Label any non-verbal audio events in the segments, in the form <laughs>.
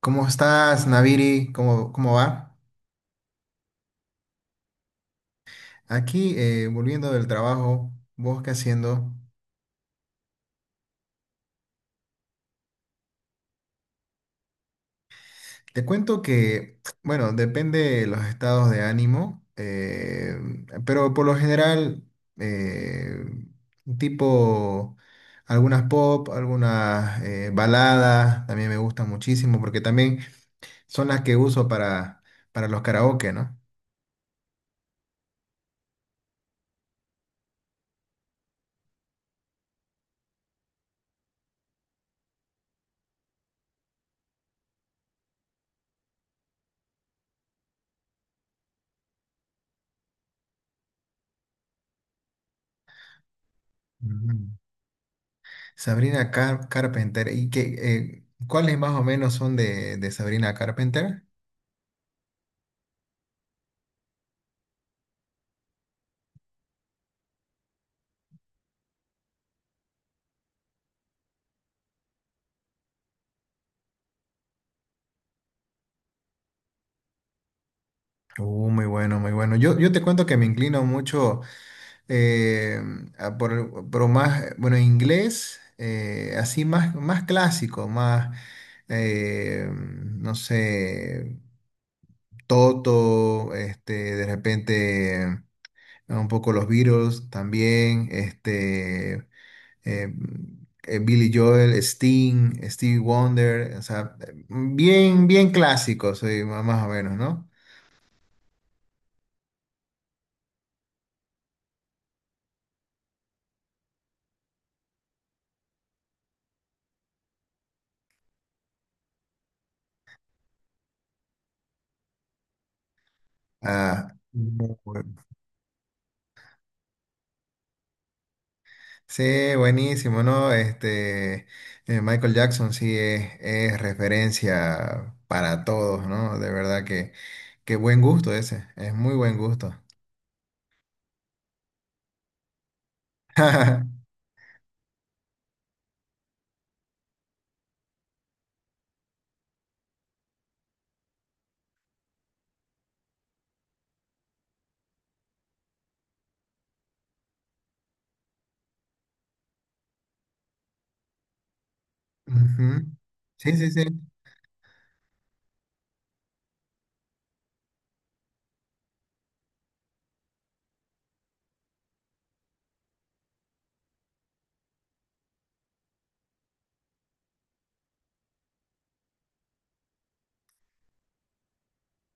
¿Cómo estás, Naviri? ¿Cómo, cómo va? Aquí, volviendo del trabajo, ¿vos qué haciendo? Te cuento que, bueno, depende de los estados de ánimo, pero por lo general, eh, tipo algunas pop, algunas baladas, también me gustan muchísimo porque también son las que uso para los karaoke, ¿no? Ujú. Carpenter. ¿Y qué, cuáles más o menos son de Sabrina Carpenter? Muy bueno, muy bueno. Yo te cuento que me inclino mucho eh, a por más, bueno, inglés, así más, más clásico, más, no sé, Toto, este, de repente un poco los Beatles también, este. Billy Joel, Sting, Stevie Wonder, o sea, bien, bien clásicos, sí, más o menos, ¿no? Ah, muy bueno. Sí, buenísimo, ¿no? Este, Michael Jackson sí es referencia para todos, ¿no? De verdad que, qué buen gusto ese, es muy buen gusto. <laughs> Ujú. Sí, sí, sí.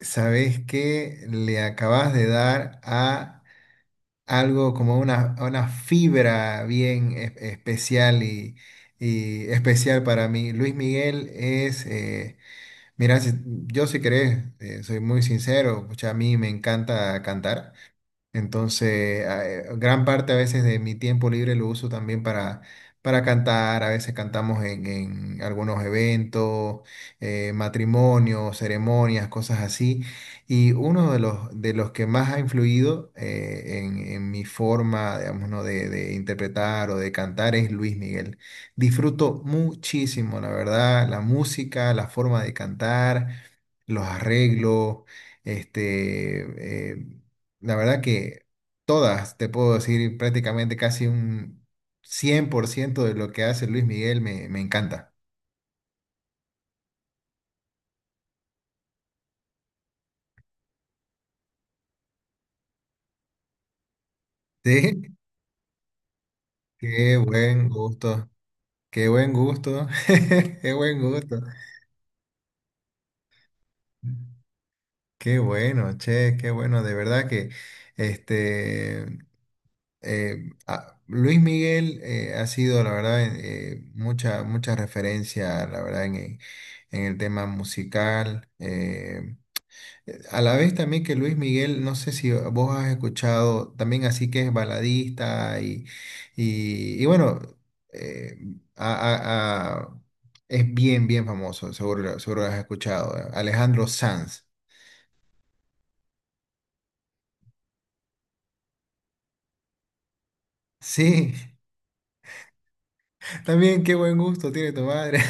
¿Sabes qué le acabas de dar a algo como una fibra bien especial y especial para mí. Luis Miguel es, mira, yo si querés, soy muy sincero, pucha, a mí me encanta cantar. Entonces, gran parte a veces de mi tiempo libre lo uso también para cantar. A veces cantamos en algunos eventos, matrimonios, ceremonias, cosas así. Y uno de los que más ha influido en mi forma, digamos, ¿no? De interpretar o de cantar es Luis Miguel. Disfruto muchísimo, la verdad, la música, la forma de cantar, los arreglos, este... eh, la verdad que todas, te puedo decir prácticamente casi un 100% de lo que hace Luis Miguel me, me encanta. <laughs> ¿Sí? Qué buen gusto, qué buen gusto, <laughs> qué buen gusto. Qué bueno, che, qué bueno. De verdad que este Luis Miguel ha sido, la verdad, mucha, mucha referencia, la verdad, en el tema musical. A la vez también que Luis Miguel, no sé si vos has escuchado, también así que es baladista y, y bueno, eh, a- a- a- es bien, bien famoso, seguro, seguro lo has escuchado, Alejandro Sanz. Sí, <laughs> también qué buen gusto tiene tu madre.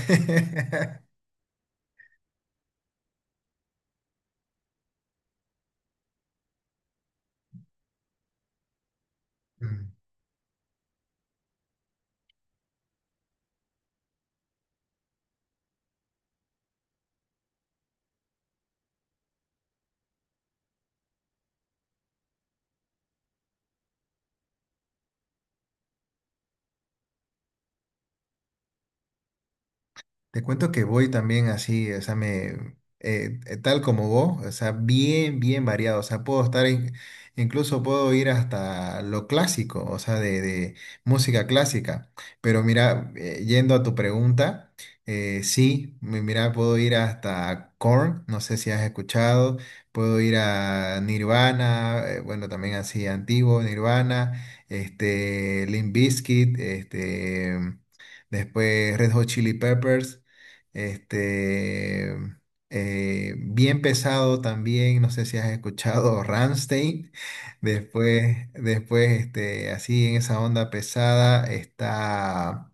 <laughs> Te cuento que voy también así, o sea, me, tal como vos, o sea, bien, bien variado, o sea, puedo estar, incluso puedo ir hasta lo clásico, o sea, de música clásica, pero mira, yendo a tu pregunta, sí, mira, puedo ir hasta Korn, no sé si has escuchado, puedo ir a Nirvana, bueno, también así antiguo, Nirvana, este, Limp Bizkit, este... Después Red Hot Chili Peppers. Este, bien pesado también, no sé si has escuchado <laughs> Rammstein. Después, después este, así en esa onda pesada está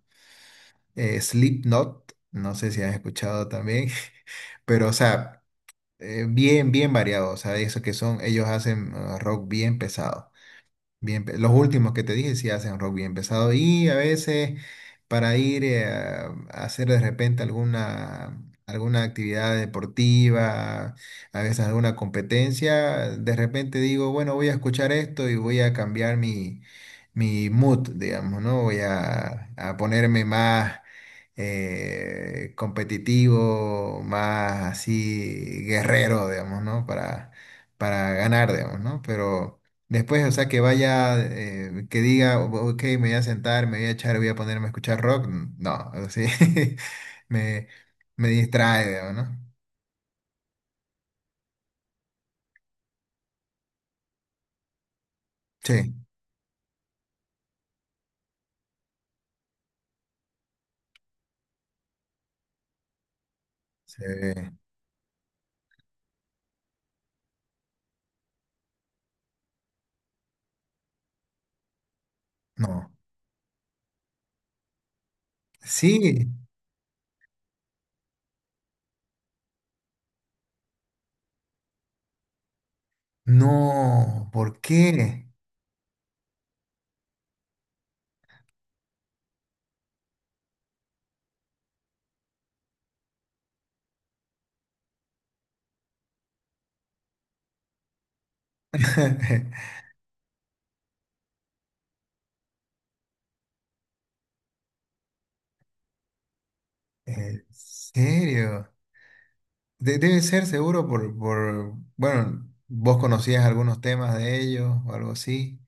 Slipknot, no sé si has escuchado también. <laughs> Pero, o sea, bien, bien variado, o sea, eso que son, ellos hacen rock bien pesado. Bien, los últimos que te dije sí hacen rock bien pesado y a veces para ir a hacer de repente alguna, alguna actividad deportiva, a veces alguna competencia, de repente digo, bueno, voy a escuchar esto y voy a cambiar mi, mi mood, digamos, ¿no? Voy a ponerme más competitivo, más así guerrero, digamos, ¿no? Para ganar, digamos, ¿no? Pero... Después, o sea, que vaya, que diga, ok, me voy a sentar, me voy a echar, voy a ponerme a escuchar rock. No, así <laughs> me, me distrae, digamos, ¿no? Sí, sí, no. Sí, no, ¿por qué? <laughs> ¿En serio? Debe ser seguro por, bueno, vos conocías algunos temas de ellos o algo así.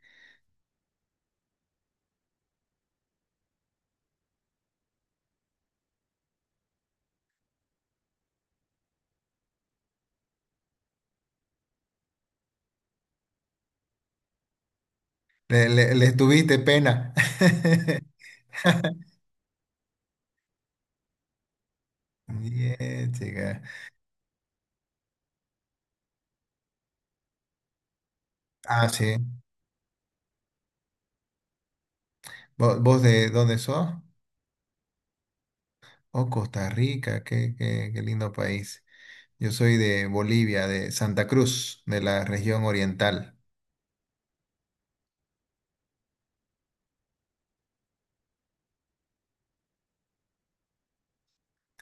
Le, les tuviste pena. <laughs> Bien, chica. Ah, sí. ¿Vos de dónde sos? Oh, Costa Rica, qué, qué, qué lindo país. Yo soy de Bolivia, de Santa Cruz, de la región oriental.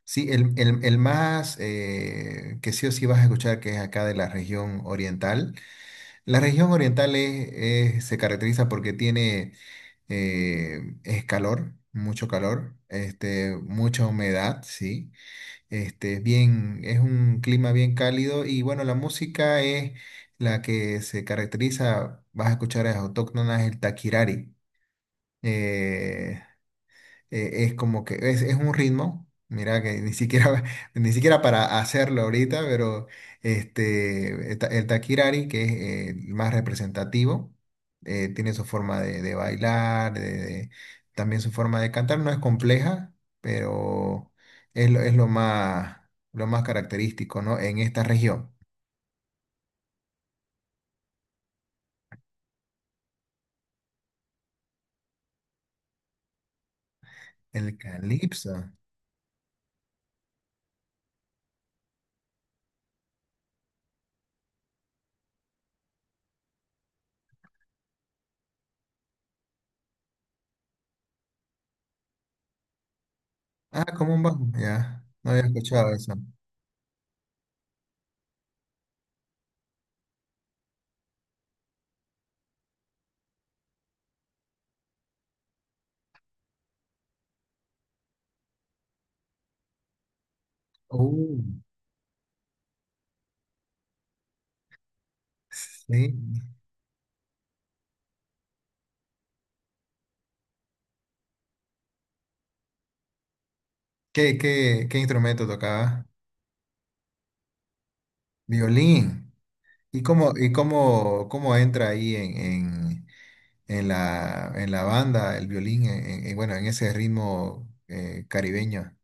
Sí, el más que sí o sí vas a escuchar que es acá de la región oriental. La región oriental se caracteriza porque tiene es calor, mucho calor, este, mucha humedad, sí. Este, es bien, es un clima bien cálido y bueno, la música es la que se caracteriza, vas a escuchar, es autóctona, es el taquirari. Eh, es como que es un ritmo. Mira que ni siquiera, <laughs> ni siquiera para hacerlo ahorita, pero este, el Takirari, que es el más representativo, tiene su forma de bailar, también su forma de cantar. No es compleja, pero es lo más característico, ¿no? En esta región. El calipso. Ah, como un bajo, ya. No había escuchado eso. Uh, sí. ¿Qué, qué, qué instrumento tocaba? Violín. Y cómo, cómo entra ahí en la banda el violín, en, bueno, en ese ritmo caribeño?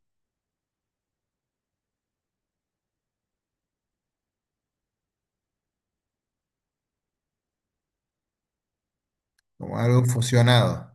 Como algo fusionado.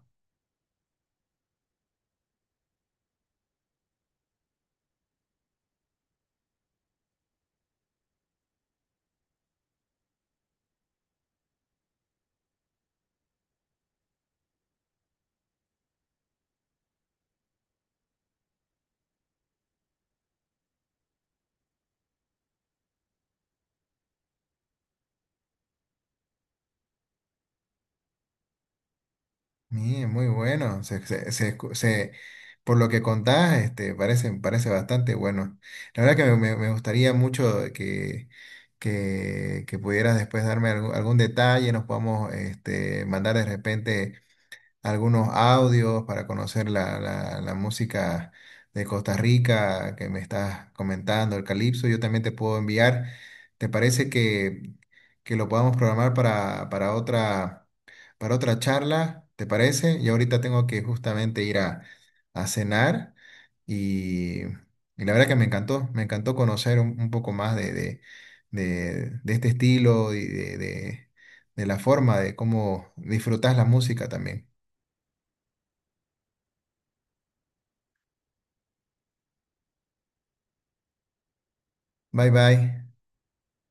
Mire, muy bueno. Por lo que contás, este, parece, parece bastante bueno. La verdad que me, me gustaría mucho que pudieras después darme algún, algún detalle, nos podamos este, mandar de repente. Algunos audios para conocer la, la música de Costa Rica que me estás comentando, el calipso, yo también te puedo enviar. ¿Te parece que lo podamos programar para otra charla? ¿Te parece? Y ahorita tengo que justamente ir a cenar y la verdad que me encantó conocer un poco más de, de este estilo y de la forma de cómo disfrutas la música también. Bye bye.